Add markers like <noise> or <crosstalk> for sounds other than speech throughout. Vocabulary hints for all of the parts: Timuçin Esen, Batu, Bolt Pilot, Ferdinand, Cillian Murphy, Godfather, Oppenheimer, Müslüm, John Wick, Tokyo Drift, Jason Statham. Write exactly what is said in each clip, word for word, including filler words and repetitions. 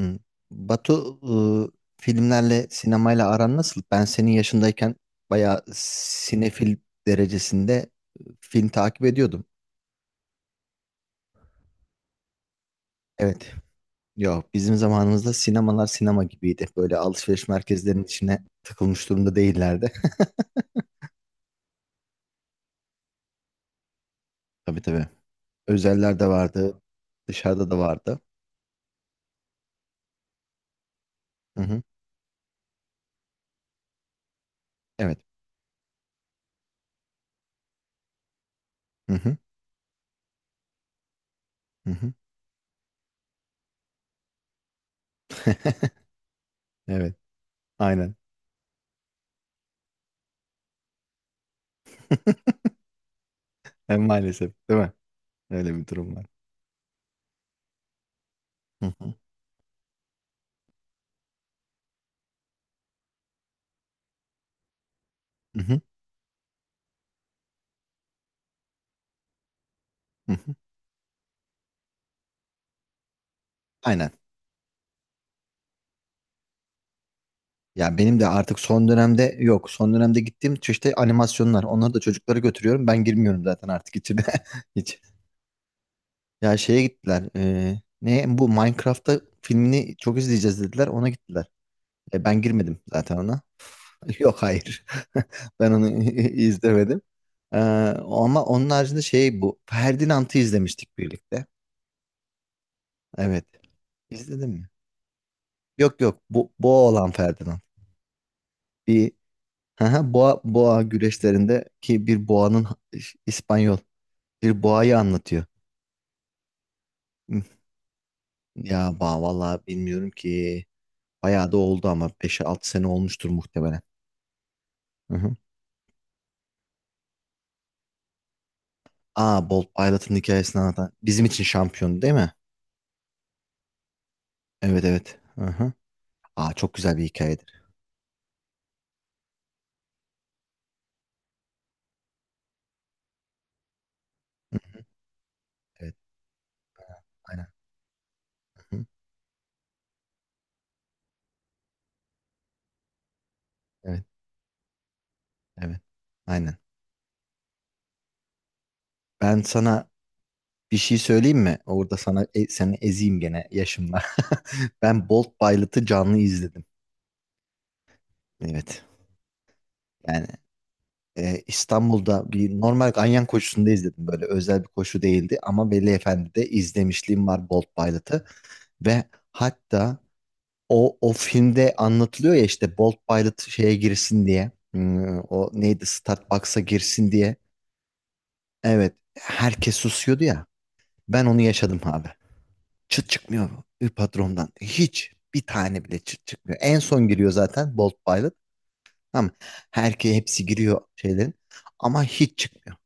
Hı. Batu, ıı, filmlerle, sinemayla aran nasıl? Ben senin yaşındayken bayağı sinefil derecesinde film takip ediyordum. Evet. Yo, bizim zamanımızda sinemalar sinema gibiydi. Böyle alışveriş merkezlerinin içine tıkılmış durumda değillerdi. <laughs> Tabii tabii. Özeller de vardı. Dışarıda da vardı. Hı hı. Evet. Hı hı. Hı hı. <laughs> Evet. Aynen. <laughs> Maalesef, değil mi? Öyle bir durum var. Hı hı. Hı hı. Hı hı. Aynen. Ya benim de artık son dönemde yok. Son dönemde gittiğim çeşitli animasyonlar. Onları da çocuklara götürüyorum. Ben girmiyorum zaten artık içine. <laughs> Hiç. Ya şeye gittiler. E, ne bu Minecraft'ta filmini çok izleyeceğiz dediler. Ona gittiler. E, ben girmedim zaten ona. <laughs> Yok hayır. <laughs> Ben onu <laughs> izlemedim. Ee, Ama onun haricinde şey bu. Ferdinand'ı izlemiştik birlikte. Evet. İzledin mi? Yok yok. Bu, bu olan Ferdinand. Bir Hı hı, Boğa, boğa güreşlerinde ki bir boğanın İspanyol bir boğayı anlatıyor. Hı. Ya ba vallahi bilmiyorum ki. Bayağı da oldu ama beş altı sene olmuştur muhtemelen. Hı hı. Aa Bolt Pilot'ın hikayesini anlatan. Bizim için şampiyon değil mi? Evet evet. Hı hı. Aa çok güzel bir hikayedir. Hı, evet aynen. Hı hı. Evet evet. Aynen. Ben sana bir şey söyleyeyim mi? Orada sana e- seni ezeyim gene yaşımla. <laughs> Ben Bolt Pilot'ı canlı izledim. Evet. Yani e, İstanbul'da bir normal ganyan koşusunda izledim. Böyle özel bir koşu değildi ama Veli Efendi'de izlemişliğim var Bolt Pilot'ı ve hatta o o filmde anlatılıyor ya işte Bolt Pilot şeye girsin diye hmm, o neydi Startbox'a girsin diye evet herkes susuyordu ya ben onu yaşadım abi. Çıt çıkmıyor bir patrondan hiç bir tane bile çıt çıkmıyor. En son giriyor zaten Bolt Pilot. Tamam. Herkes hepsi giriyor şeylerin ama hiç çıkmıyor.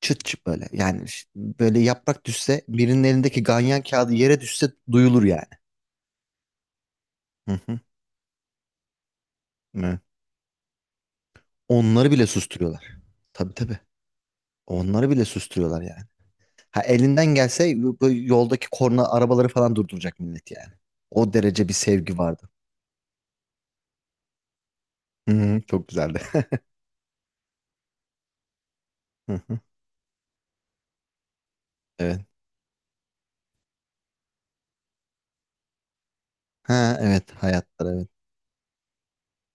Çıt çıt böyle. Yani ş- böyle yaprak düşse birinin elindeki ganyan kağıdı yere düşse duyulur yani. Hı hı. Evet. Onları bile susturuyorlar. Tabii tabii. Onları bile susturuyorlar yani. Ha elinden gelse bu- bu yoldaki korna arabaları falan durduracak millet yani. O derece bir sevgi vardı. Hı hı. Çok güzeldi. <laughs> Hı hı. Evet. Ha evet hayatlar evet.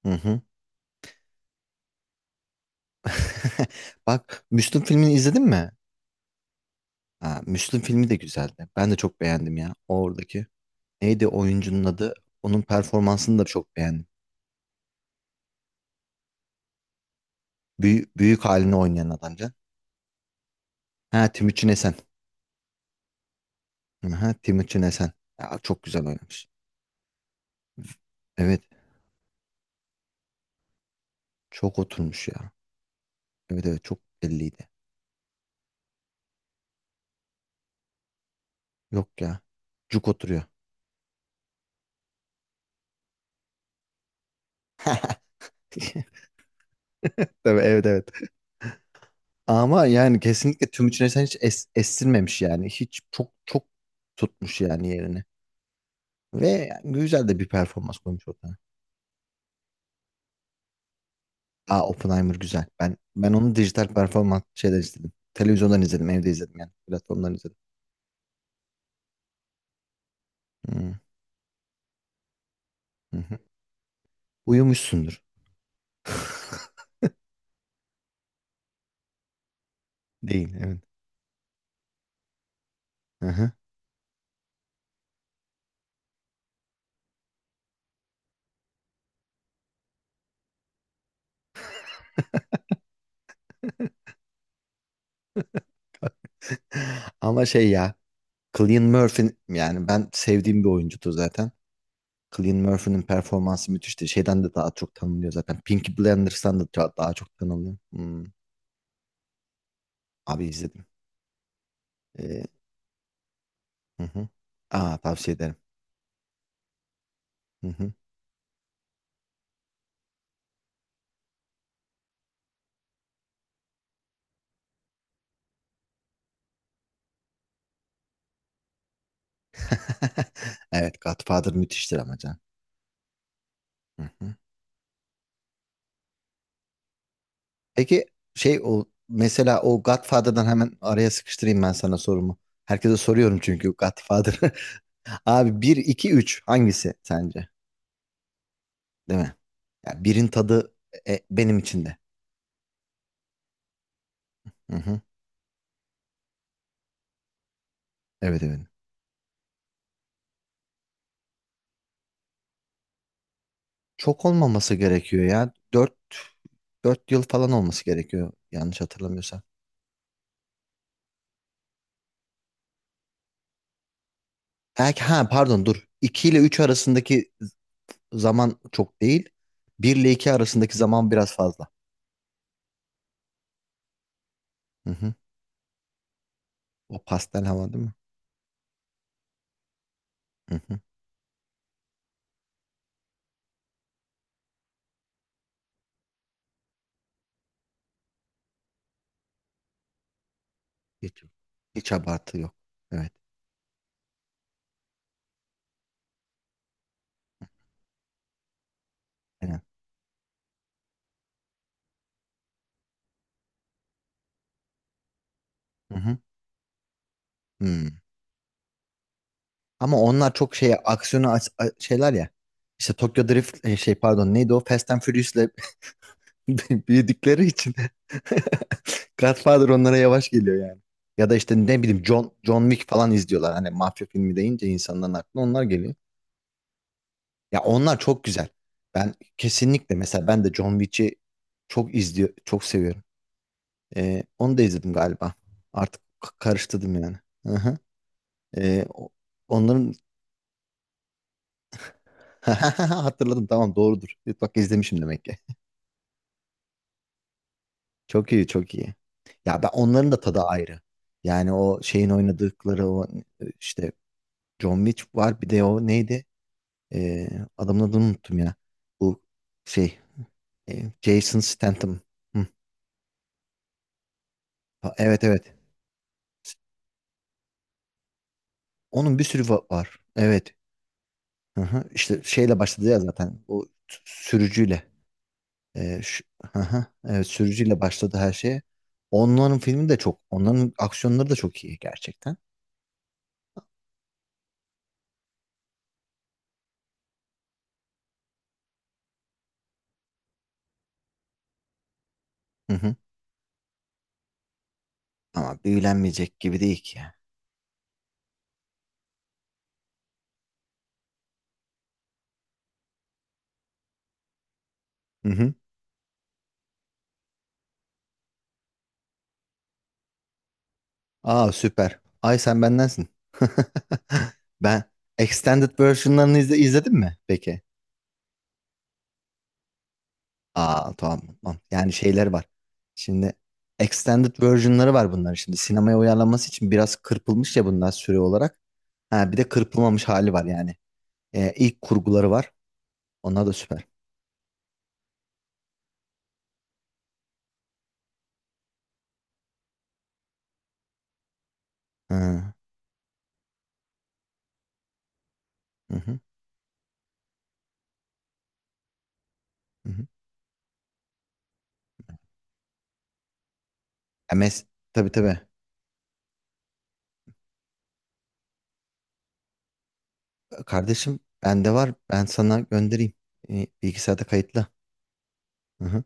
Hı hı. <laughs> Bak Müslüm filmini izledin mi? Ha, Müslüm filmi de güzeldi. Ben de çok beğendim ya oradaki. Neydi oyuncunun adı? Onun performansını da çok beğendim. Büyük, büyük halini oynayan adamca. Ha Timuçin Esen. Ha Timuçin Esen. Ya, çok güzel oynamış. Evet. Çok oturmuş ya. Evet evet çok belliydi. Yok ya. Cuk oturuyor. <laughs> Tabii, evet evet. Ama yani kesinlikle Timuçin Esen hiç es, estirmemiş yani. Hiç çok çok tutmuş yani yerini. Ve yani güzel de bir performans koymuş ortaya. Aa Oppenheimer güzel. Ben ben onu dijital performans şeyler izledim. Televizyondan izledim, evde izledim yani. Platformdan izledim. Hmm, hı hı. Uyumuşsundur. <laughs> Değil, evet. Hı hı. Ama şey ya, Cillian Murphy yani ben sevdiğim bir oyuncudur zaten. Cillian Murphy'nin performansı müthişti. Şeyden de daha çok tanınıyor zaten. Peaky Blinders'tan da daha daha çok tanınıyor. Hmm, abi izledim. Ee, hı hı. Aa tavsiye ederim. Hı hı. <laughs> Evet, Godfather müthiştir ama can. Hı hı. Peki şey o mesela o Godfather'dan hemen araya sıkıştırayım ben sana sorumu. Herkese soruyorum çünkü Godfather. <laughs> Abi bir iki üç hangisi sence? Değil mi? Ya birin tadı e, benim içinde. Hı hı. Evet evet. Çok olmaması gerekiyor ya. Dört dört yıl falan olması gerekiyor yanlış hatırlamıyorsam. Belki ha pardon dur. İki ile üç arasındaki zaman çok değil. Bir ile iki arasındaki zaman biraz fazla. Hı hı. O pastel hava değil mi? Hı hı. Hiç, hiç abartı yok. Evet. Aynen. Hı hı. Hmm. Ama onlar çok şey aksiyonu aç- a- şeyler ya. İşte Tokyo Drift e, şey pardon neydi o Fast and Furious'le <laughs> büyüdükleri için <laughs> Godfather onlara yavaş geliyor yani. Ya da işte ne bileyim John John Wick falan izliyorlar. Hani mafya filmi deyince insanların aklına onlar geliyor. Ya onlar çok güzel. Ben kesinlikle mesela ben de John Wick'i çok izliyor, çok seviyorum. Ee, onu da izledim galiba. Artık k- karıştırdım yani. <laughs> Ee, o- onların <laughs> hatırladım tamam doğrudur. Bak izlemişim demek ki. Çok iyi çok iyi. Ya ben onların da tadı ayrı. Yani o şeyin oynadıkları o e, işte John Wick var bir de o neydi? Ee, Adamın adını unuttum ya. Bu şey e, Jason Statham. Hı. Ha, evet evet. Onun bir sürü va- var. Evet. Hı hı. İşte şeyle başladı ya zaten. O t- sürücüyle. Ee, şu, <laughs> aha, evet, sürücüyle başladı her şey. Onların filmi de çok, onların aksiyonları da çok iyi gerçekten. Hı hı. Ama büyülenmeyecek gibi değil ki. Hı hı. Aa süper. Ay sen bendensin. <laughs> Ben extended version'larını izle, izledin mi peki? Aa tamam, tamam. Yani şeyler var. Şimdi extended version'ları var bunların. Şimdi sinemaya uyarlanması için biraz kırpılmış ya bunlar süre olarak. Ha, bir de kırpılmamış hali var yani. E, ilk kurguları var. Onlar da süper. Ha, hı hı, hı hı. Ya mes tabii tabii. Kardeşim bende var. Ben sana göndereyim. E, bilgisayarda kayıtlı. Hı hı.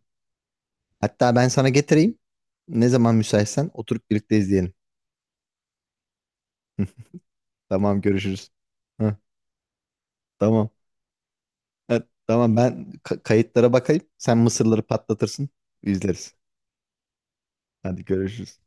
Hatta ben sana getireyim. Ne zaman müsaitsen oturup birlikte izleyelim. Hı, tamam görüşürüz. Hı, tamam. Ha, tamam ben ka- kayıtlara bakayım. Sen mısırları patlatırsın. İzleriz. Hadi görüşürüz.